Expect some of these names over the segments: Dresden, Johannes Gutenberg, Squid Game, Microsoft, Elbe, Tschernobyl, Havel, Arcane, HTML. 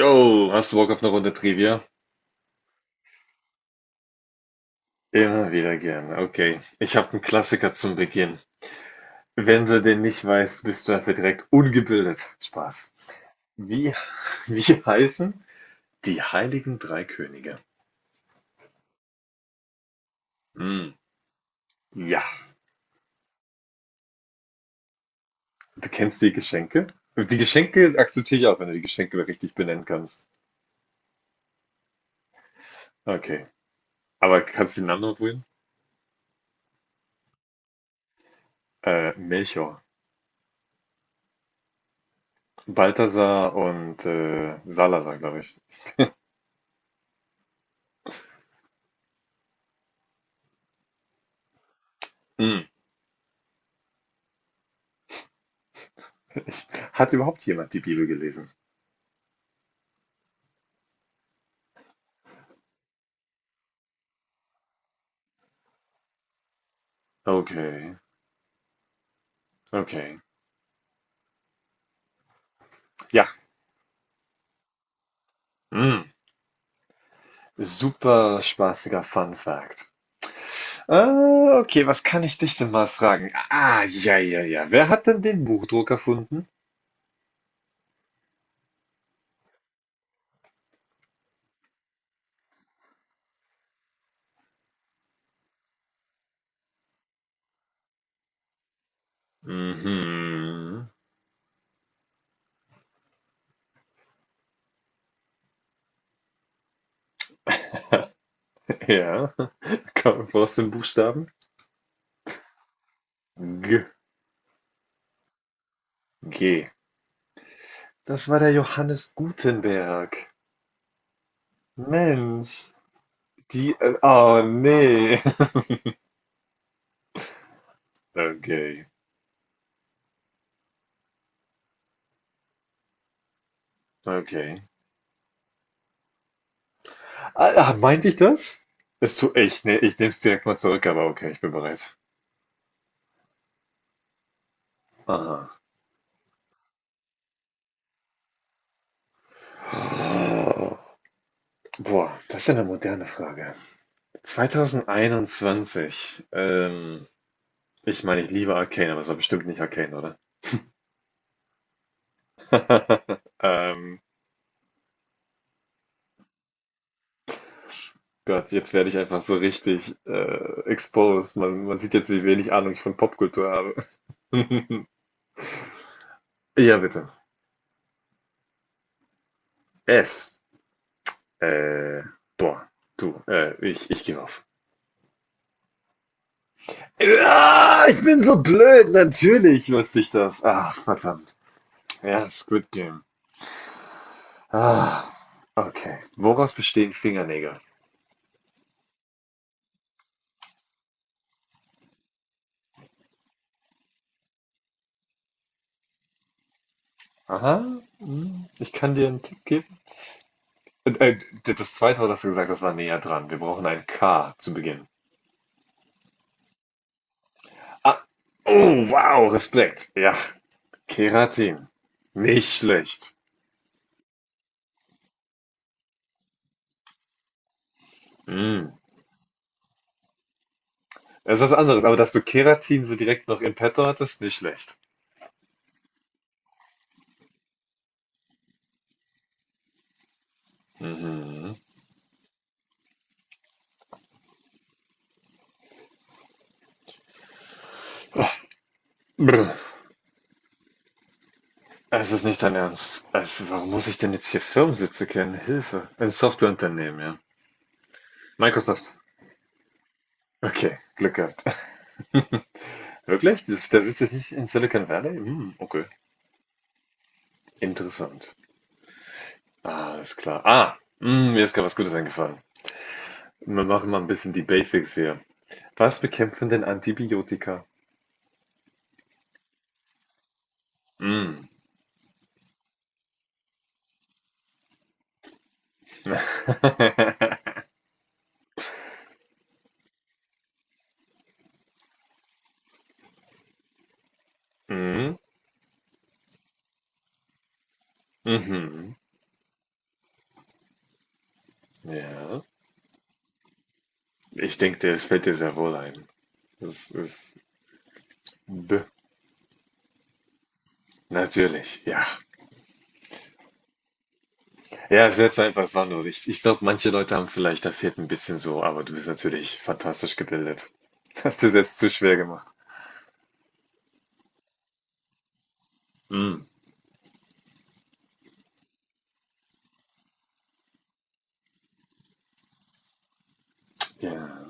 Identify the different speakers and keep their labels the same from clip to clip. Speaker 1: Jo, hast du Bock auf eine Runde Trivia? Immer wieder gerne. Okay, ich habe einen Klassiker zum Beginn. Wenn du den nicht weißt, bist du dafür direkt ungebildet. Spaß. Wie, wie heißen die Heiligen Drei Könige? Hm, ja, du kennst die Geschenke? Die Geschenke akzeptiere ich auch, wenn du die Geschenke richtig benennen kannst. Okay, aber kannst du den Namen noch probieren? Melchior, Balthasar und Salazar, glaube ich. Hm. Hat überhaupt jemand die Bibel gelesen? Okay. Okay. Ja. Mm. Super spaßiger Fun Fact. Äh, okay, was kann ich dich denn mal fragen? Ah, ja, ja, ja. Wer hat denn den Buchdruck erfunden? Mhm. Ja. Komm, aus den Buchstaben? G. G. Das war der Johannes Gutenberg. Mensch. Die. Oh, nee. Okay. Okay. Ah, meinte ich das? Ist zu echt. Nee, ich nehme es direkt mal zurück, aber okay, ich bin bereit. Aha. Ah, boah, das ist ja eine moderne Frage. 2021. Ich meine, ich liebe Arcane, aber es war bestimmt nicht Arcane, oder? Ähm, Gott, jetzt werde ich einfach so richtig exposed. Man sieht jetzt, wie wenig Ahnung ich von Popkultur habe. Ja, bitte. Es. Äh, boah, du, ich gebe auf. Ja, ich bin so blöd, natürlich wusste ich das. Ach, verdammt. Ja, Squid Game. Ah, okay. Woraus bestehen Fingernägel? Aha, ich kann dir einen Tipp geben. Äh, äh, das zweite Wort hast du gesagt, das war näher dran. Wir brauchen ein K zu Beginn. Ah, oh, wow, Respekt. Ja, Keratin. Nicht schlecht. Hm. Das ist was anderes, aber dass du Keratin so direkt noch im Petto hattest, nicht schlecht. Mhm. Oh, brr. Es ist nicht dein Ernst. Also, warum muss ich denn jetzt hier Firmensitze kennen? Hilfe. Ein Softwareunternehmen, ja. Microsoft. Okay, Glück gehabt. Wirklich? Das ist jetzt nicht in Silicon Valley? Hm, okay. Interessant. Alles klar. Ah, mir ist gerade was Gutes eingefallen. Wir machen mal ein bisschen die Basics hier. Was bekämpfen denn Antibiotika? Hm. Hm, mhm. Ja. Ich denke, das fällt dir sehr wohl ein. Das ist B. Natürlich, ja. Ja, es wird mal etwas wandeln. Ich glaube, manche Leute haben vielleicht, da fehlt ein bisschen so, aber du bist natürlich fantastisch gebildet. Hast dir selbst zu schwer gemacht. Hm. Ja.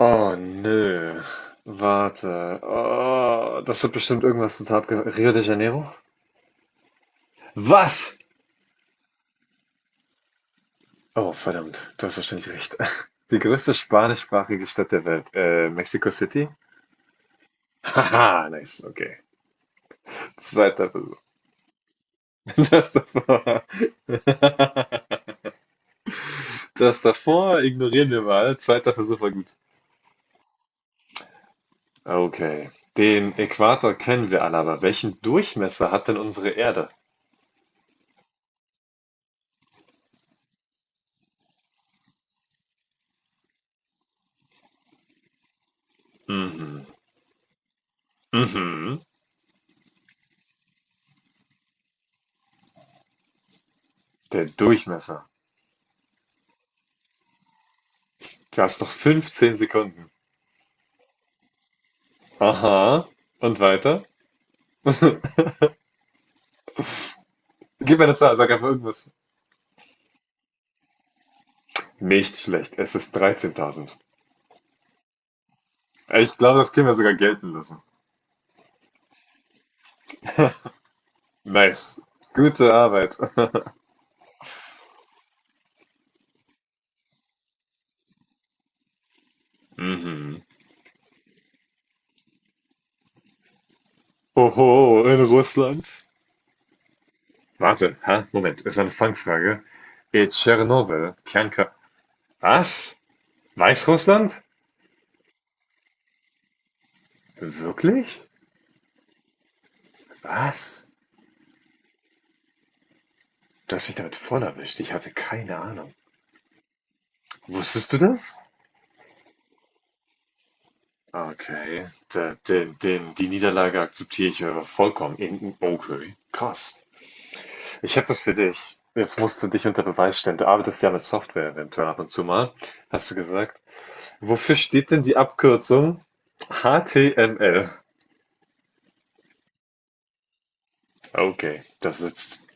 Speaker 1: Oh nö. Warte. Oh, das wird bestimmt irgendwas total. Rio de Janeiro? Was? Oh, verdammt. Du hast wahrscheinlich recht. Die größte spanischsprachige Stadt der Welt. Mexico City? Haha, nice. Okay. Zweiter Versuch. Das davor. Das davor ignorieren wir mal. Zweiter Versuch war gut. Okay. Den Äquator kennen wir alle, aber welchen Durchmesser hat denn unsere Erde? Mhm. Mhm. Der Durchmesser. Du hast noch 15 Sekunden. Aha. Und weiter? Gib mir eine Zahl, sag einfach irgendwas. Nicht schlecht, es ist 13.000. Ich glaube, das können wir sogar gelten lassen. Nice. Gute Arbeit. Mhm. Oho, in Russland? Warte, ha, Moment, es war eine Fangfrage. In Tschernobyl, Kernkraft. Was? Weißrussland? Wirklich? Was? Du hast mich damit voll erwischt, ich hatte keine Ahnung. Wusstest du das? Okay, da, den, die Niederlage akzeptiere ich vollkommen. Okay, krass. Ich habe was für dich. Jetzt musst du dich unter Beweis stellen. Du arbeitest ja mit Software eventuell ab und zu mal, hast du gesagt. Wofür steht denn die Abkürzung HTML? Okay, das ist.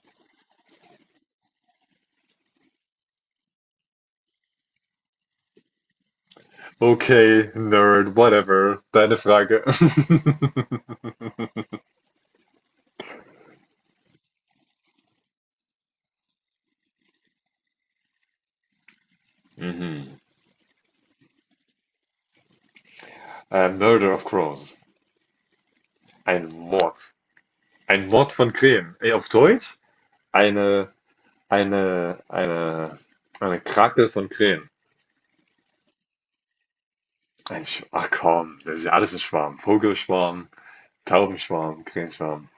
Speaker 1: Okay, Nerd, whatever. Deine Frage. Mhm. Murder of Crows. Ein Mord. Ein Mord von Krähen. Ey, auf Deutsch? Eine Eine eine eine Krake von Krähen. Ein Sch ach komm, das ist ja alles ein Schwarm. Vogelschwarm, Taubenschwarm, Krähenschwarm.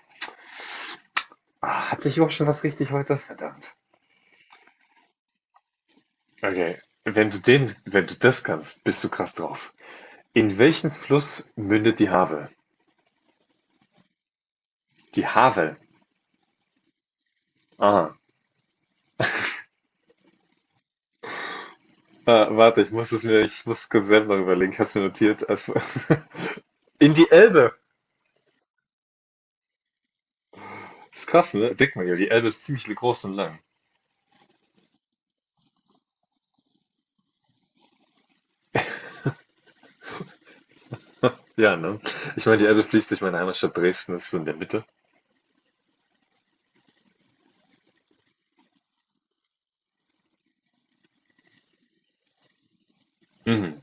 Speaker 1: Ah, hat sich überhaupt schon was richtig heute? Verdammt. Okay, wenn du das kannst, bist du krass drauf. In welchen Fluss mündet die Havel? Die Havel. Ah. Ah, warte, ich muss kurz selber noch überlegen. Ich habe mir notiert. Also, in die Elbe. Das ist krass, ne? Denk mal, ja, die Elbe ist ziemlich groß und lang. Ja, ne? Ich meine, die Elbe fließt durch meine Heimatstadt Dresden, das ist so in der Mitte. Mhm.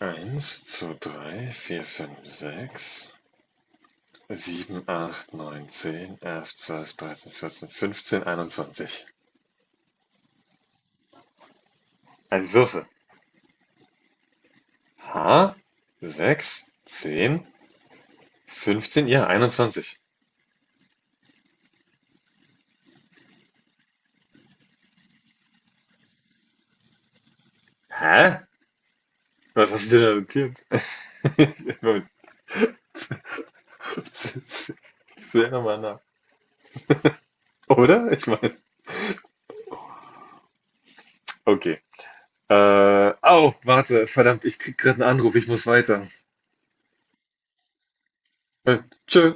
Speaker 1: Eins, zwei, drei, vier, fünf, sechs, sieben, acht, neun, zehn, elf, zwölf, dreizehn, vierzehn, fünfzehn, einundzwanzig. Ein Würfel. H, sechs, zehn, fünfzehn, ja, einundzwanzig. Hä? Was hast du denn da notiert? Moment, sehr nochmal nach. Oder? Ich meine, okay. Äh, au, warte, verdammt, ich krieg gerade einen Anruf, ich muss weiter. Äh, tschö.